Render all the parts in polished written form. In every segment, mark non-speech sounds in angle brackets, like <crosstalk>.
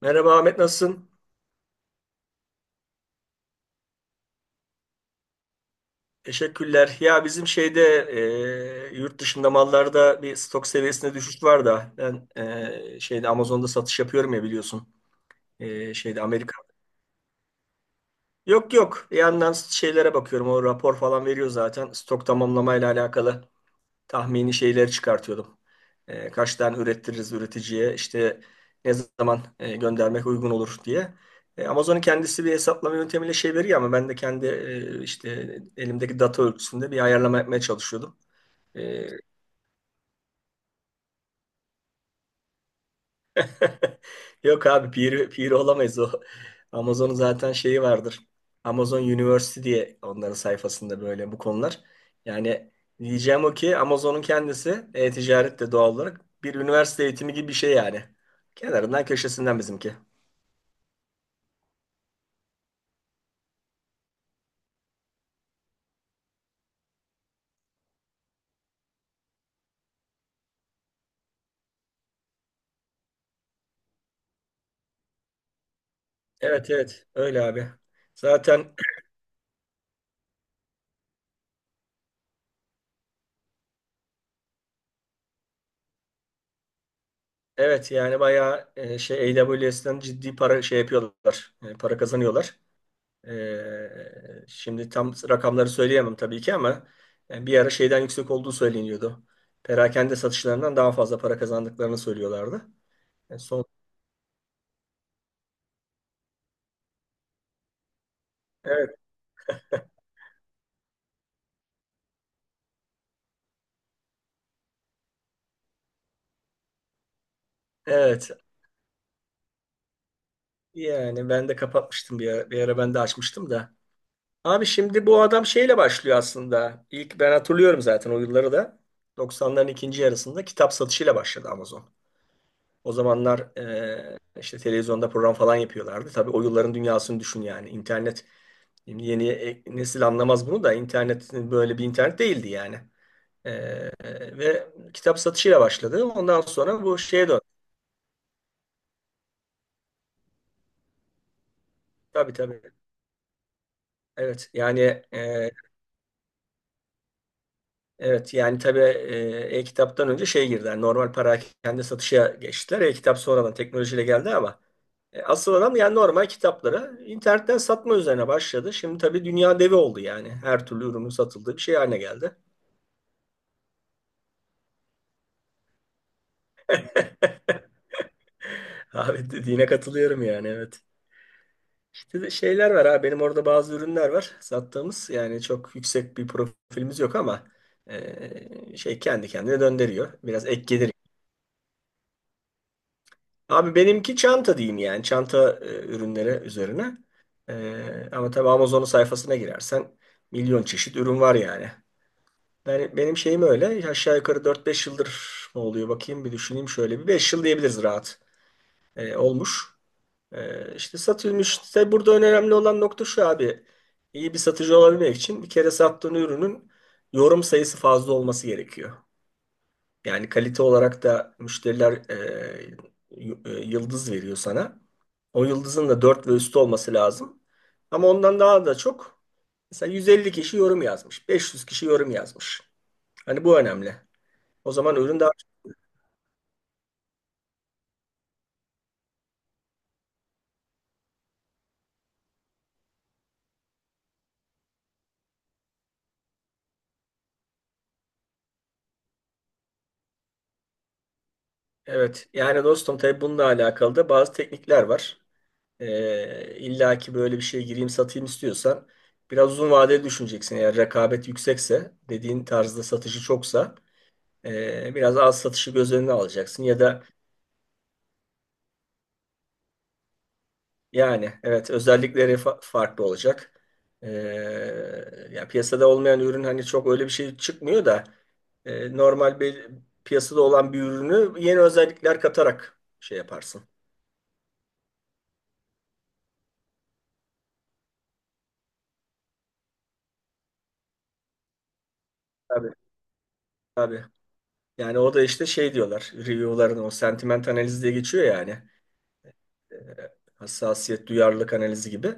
Merhaba Ahmet, nasılsın? Teşekkürler. Ya bizim şeyde yurt dışında mallarda bir stok seviyesinde düşüş var da ben şeyde Amazon'da satış yapıyorum ya, biliyorsun. Şeyde Amerika. Yok yok. Bir yandan şeylere bakıyorum. O rapor falan veriyor zaten. Stok tamamlamayla alakalı. Tahmini şeyleri çıkartıyordum. Kaç tane ürettiririz üreticiye, işte ne zaman göndermek uygun olur diye. Amazon'un kendisi bir hesaplama yöntemiyle şey veriyor, ama ben de kendi işte elimdeki data ölçüsünde bir ayarlama yapmaya çalışıyordum. E, <laughs> Yok abi, pir olamayız o. Amazon'un zaten şeyi vardır. Amazon University diye onların sayfasında böyle bu konular. Yani diyeceğim o ki, Amazon'un kendisi e-ticaret de doğal olarak bir üniversite eğitimi gibi bir şey yani. Kenarından köşesinden bizimki. Evet evet, öyle abi. Zaten evet yani bayağı şey, AWS'den ciddi para şey yapıyorlar. Para kazanıyorlar. Şimdi tam rakamları söyleyemem tabii ki, ama yani bir ara şeyden yüksek olduğu söyleniyordu. Perakende satışlarından daha fazla para kazandıklarını söylüyorlardı. Yani son evet, evet yani ben de kapatmıştım bir ara, ben de açmıştım da. Abi, şimdi bu adam şeyle başlıyor aslında. İlk ben hatırlıyorum zaten o yılları da. 90'ların ikinci yarısında kitap satışıyla başladı Amazon. O zamanlar işte televizyonda program falan yapıyorlardı. Tabii o yılların dünyasını düşün yani. İnternet. Şimdi yeni nesil anlamaz bunu da, internet böyle bir internet değildi yani. Ee, Ve kitap satışıyla başladı. Ondan sonra bu şeye döndü. Tabii tabii. Evet yani e, evet yani tabii e-kitaptan önce şey girdi. Yani normal perakende satışa geçtiler. E-kitap sonradan teknolojiyle geldi, ama asıl adam yani normal kitapları internetten satma üzerine başladı. Şimdi tabii dünya devi oldu yani. Her türlü ürünün satıldığı bir şey haline geldi. <laughs> Abi, dediğine katılıyorum yani, evet. İşte de şeyler var ha. Benim orada bazı ürünler var sattığımız. Yani çok yüksek bir profilimiz yok, ama şey, kendi kendine döndürüyor. Biraz ek gelir. Abi, benimki çanta diyeyim yani. Çanta ürünleri üzerine. Ama tabii Amazon'un sayfasına girersen milyon çeşit ürün var yani. Yani benim şeyim öyle. Aşağı yukarı dört beş yıldır mı oluyor, bakayım bir düşüneyim şöyle. Bir 5 yıl diyebiliriz rahat. Olmuş. İşte satılmış. Tabii burada önemli olan nokta şu abi. İyi bir satıcı olabilmek için bir kere sattığın ürünün yorum sayısı fazla olması gerekiyor. Yani kalite olarak da müşteriler yıldız veriyor sana. O yıldızın da 4 ve üstü olması lazım. Ama ondan daha da çok, mesela 150 kişi yorum yazmış. 500 kişi yorum yazmış. Hani bu önemli. O zaman ürün daha. Evet yani dostum, tabii bununla alakalı da bazı teknikler var. İlla ki böyle bir şeye gireyim satayım istiyorsan biraz uzun vadeli düşüneceksin. Eğer rekabet yüksekse, dediğin tarzda satışı çoksa biraz az satışı göz önüne alacaksın. Ya da yani evet, özellikleri farklı olacak. Ee, Ya piyasada olmayan ürün hani çok öyle bir şey çıkmıyor da normal bir piyasada olan bir ürünü yeni özellikler katarak şey yaparsın. Tabii tabii. Yani o da işte, şey diyorlar, review'ların o sentiment analizi diye geçiyor yani. Ee, Hassasiyet, duyarlılık analizi gibi.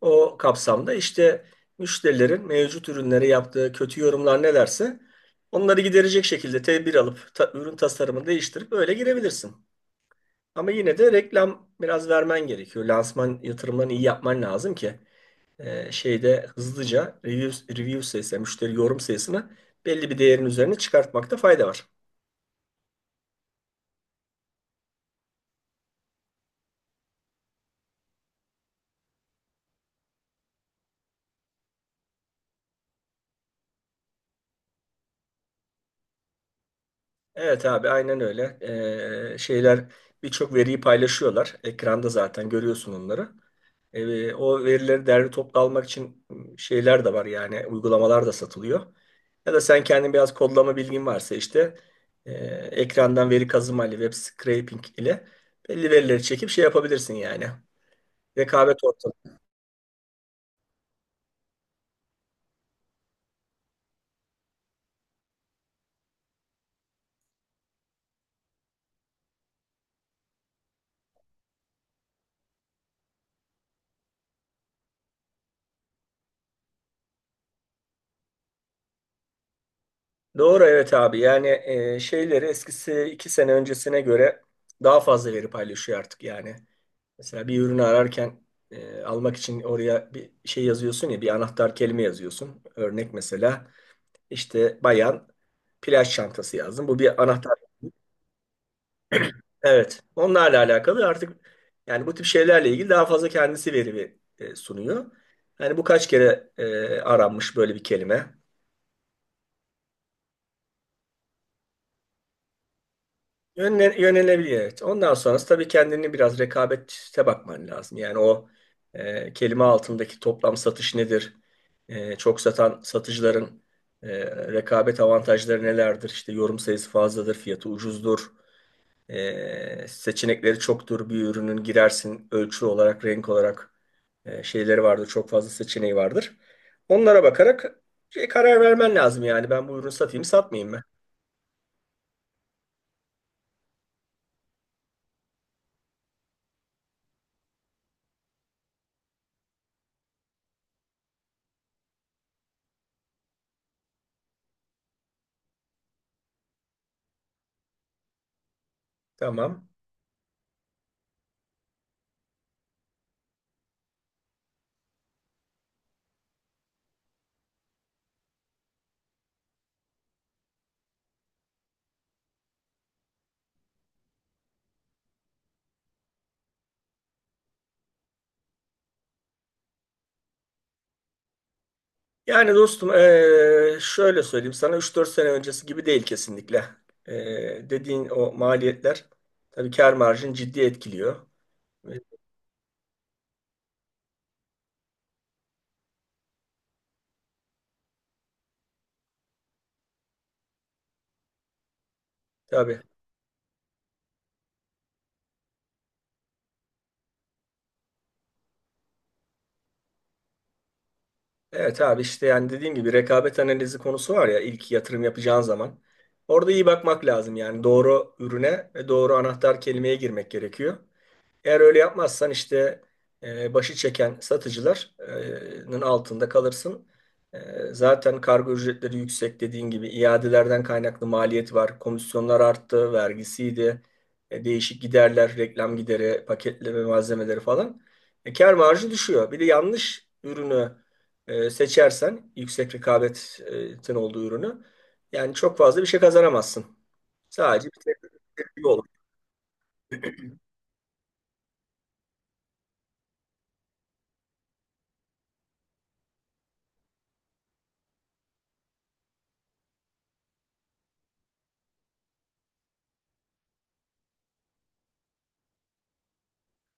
O kapsamda işte müşterilerin mevcut ürünlere yaptığı kötü yorumlar nelerse onları giderecek şekilde tedbir alıp ürün tasarımını değiştirip öyle girebilirsin. Ama yine de reklam biraz vermen gerekiyor. Lansman yatırımlarını iyi yapman lazım ki şeyde hızlıca review sayısı, yani müşteri yorum sayısını belli bir değerin üzerine çıkartmakta fayda var. Evet abi, aynen öyle. Şeyler, birçok veriyi paylaşıyorlar. Ekranda zaten görüyorsun onları. O verileri derli toplu almak için şeyler de var yani, uygulamalar da satılıyor. Ya da sen kendin biraz kodlama bilgin varsa işte e, ekrandan veri kazıma ile, web scraping ile belli verileri çekip şey yapabilirsin yani. Rekabet ortamı. Doğru evet abi, yani şeyleri, eskisi 2 sene öncesine göre daha fazla veri paylaşıyor artık yani. Mesela bir ürünü ararken almak için oraya bir şey yazıyorsun ya, bir anahtar kelime yazıyorsun. Örnek mesela işte, bayan plaj çantası yazdım. Bu bir anahtar. Evet. Onlarla alakalı artık yani, bu tip şeylerle ilgili daha fazla kendisi veri sunuyor. Yani bu kaç kere aranmış böyle bir kelime? Yönelebilir, evet. Ondan sonrası tabii, kendini biraz rekabete bakman lazım. Yani o kelime altındaki toplam satış nedir? Çok satan satıcıların e, rekabet avantajları nelerdir? İşte yorum sayısı fazladır, fiyatı ucuzdur. Seçenekleri çoktur. Bir ürünün girersin, ölçü olarak, renk olarak şeyleri vardır. Çok fazla seçeneği vardır. Onlara bakarak şey, karar vermen lazım yani. Ben bu ürünü satayım, satmayayım mı? Tamam. Yani dostum şöyle söyleyeyim sana, üç dört sene öncesi gibi değil kesinlikle. Dediğin o maliyetler tabii kar marjını ciddi etkiliyor. Ve. Tabii. Evet abi, işte yani dediğim gibi rekabet analizi konusu var ya, ilk yatırım yapacağın zaman. Orada iyi bakmak lazım yani, doğru ürüne ve doğru anahtar kelimeye girmek gerekiyor. Eğer öyle yapmazsan işte başı çeken satıcıların altında kalırsın. E, Zaten kargo ücretleri yüksek dediğin gibi, iadelerden kaynaklı maliyet var. Komisyonlar arttı, vergisiydi, değişik giderler, reklam gideri, paketleme malzemeleri falan. Kâr marjı düşüyor. Bir de yanlış ürünü seçersen, yüksek rekabetin olduğu ürünü, yani çok fazla bir şey kazanamazsın. Sadece bir tek bir yol.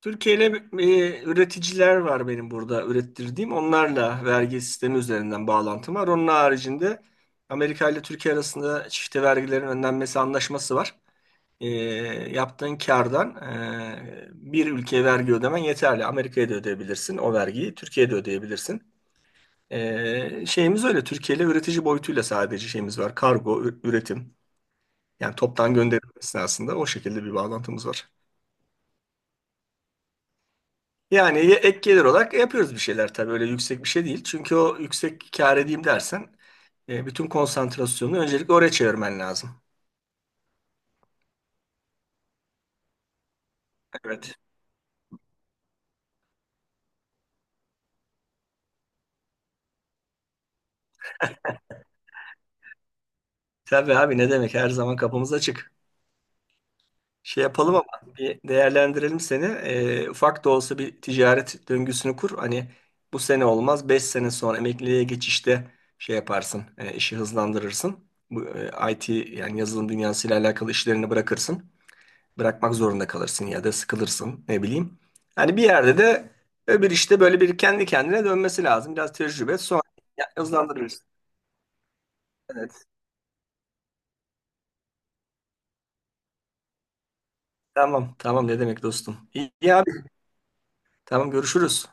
Türkiye'yle üreticiler var benim burada ürettirdiğim. Onlarla vergi sistemi üzerinden bağlantım var. Onun haricinde Amerika ile Türkiye arasında çifte vergilerin önlenmesi anlaşması var. E, Yaptığın kardan bir ülkeye vergi ödemen yeterli. Amerika'ya da ödeyebilirsin o vergiyi, Türkiye'ye de ödeyebilirsin. Şeyimiz öyle. Türkiye ile üretici boyutuyla sadece şeyimiz var. Kargo, üretim. Yani toptan gönderim esnasında o şekilde bir bağlantımız var. Yani ek gelir olarak yapıyoruz bir şeyler, tabii öyle yüksek bir şey değil. Çünkü o yüksek kâr edeyim dersen bütün konsantrasyonunu öncelikle oraya çevirmen lazım. Evet. Tabii abi, ne demek, her zaman kapımız açık. Şey yapalım ama, bir değerlendirelim seni. Ufak da olsa bir ticaret döngüsünü kur. Hani bu sene olmaz, 5 sene sonra emekliliğe geçişte şey yaparsın, işi hızlandırırsın. Bu IT yani yazılım dünyasıyla alakalı işlerini bırakırsın. Bırakmak zorunda kalırsın ya da sıkılırsın, ne bileyim. Hani bir yerde de öbür işte böyle bir kendi kendine dönmesi lazım. Biraz tecrübe sonra hızlandırırız. Evet, tamam tamam, ne demek dostum. İyi, iyi abi, tamam, görüşürüz.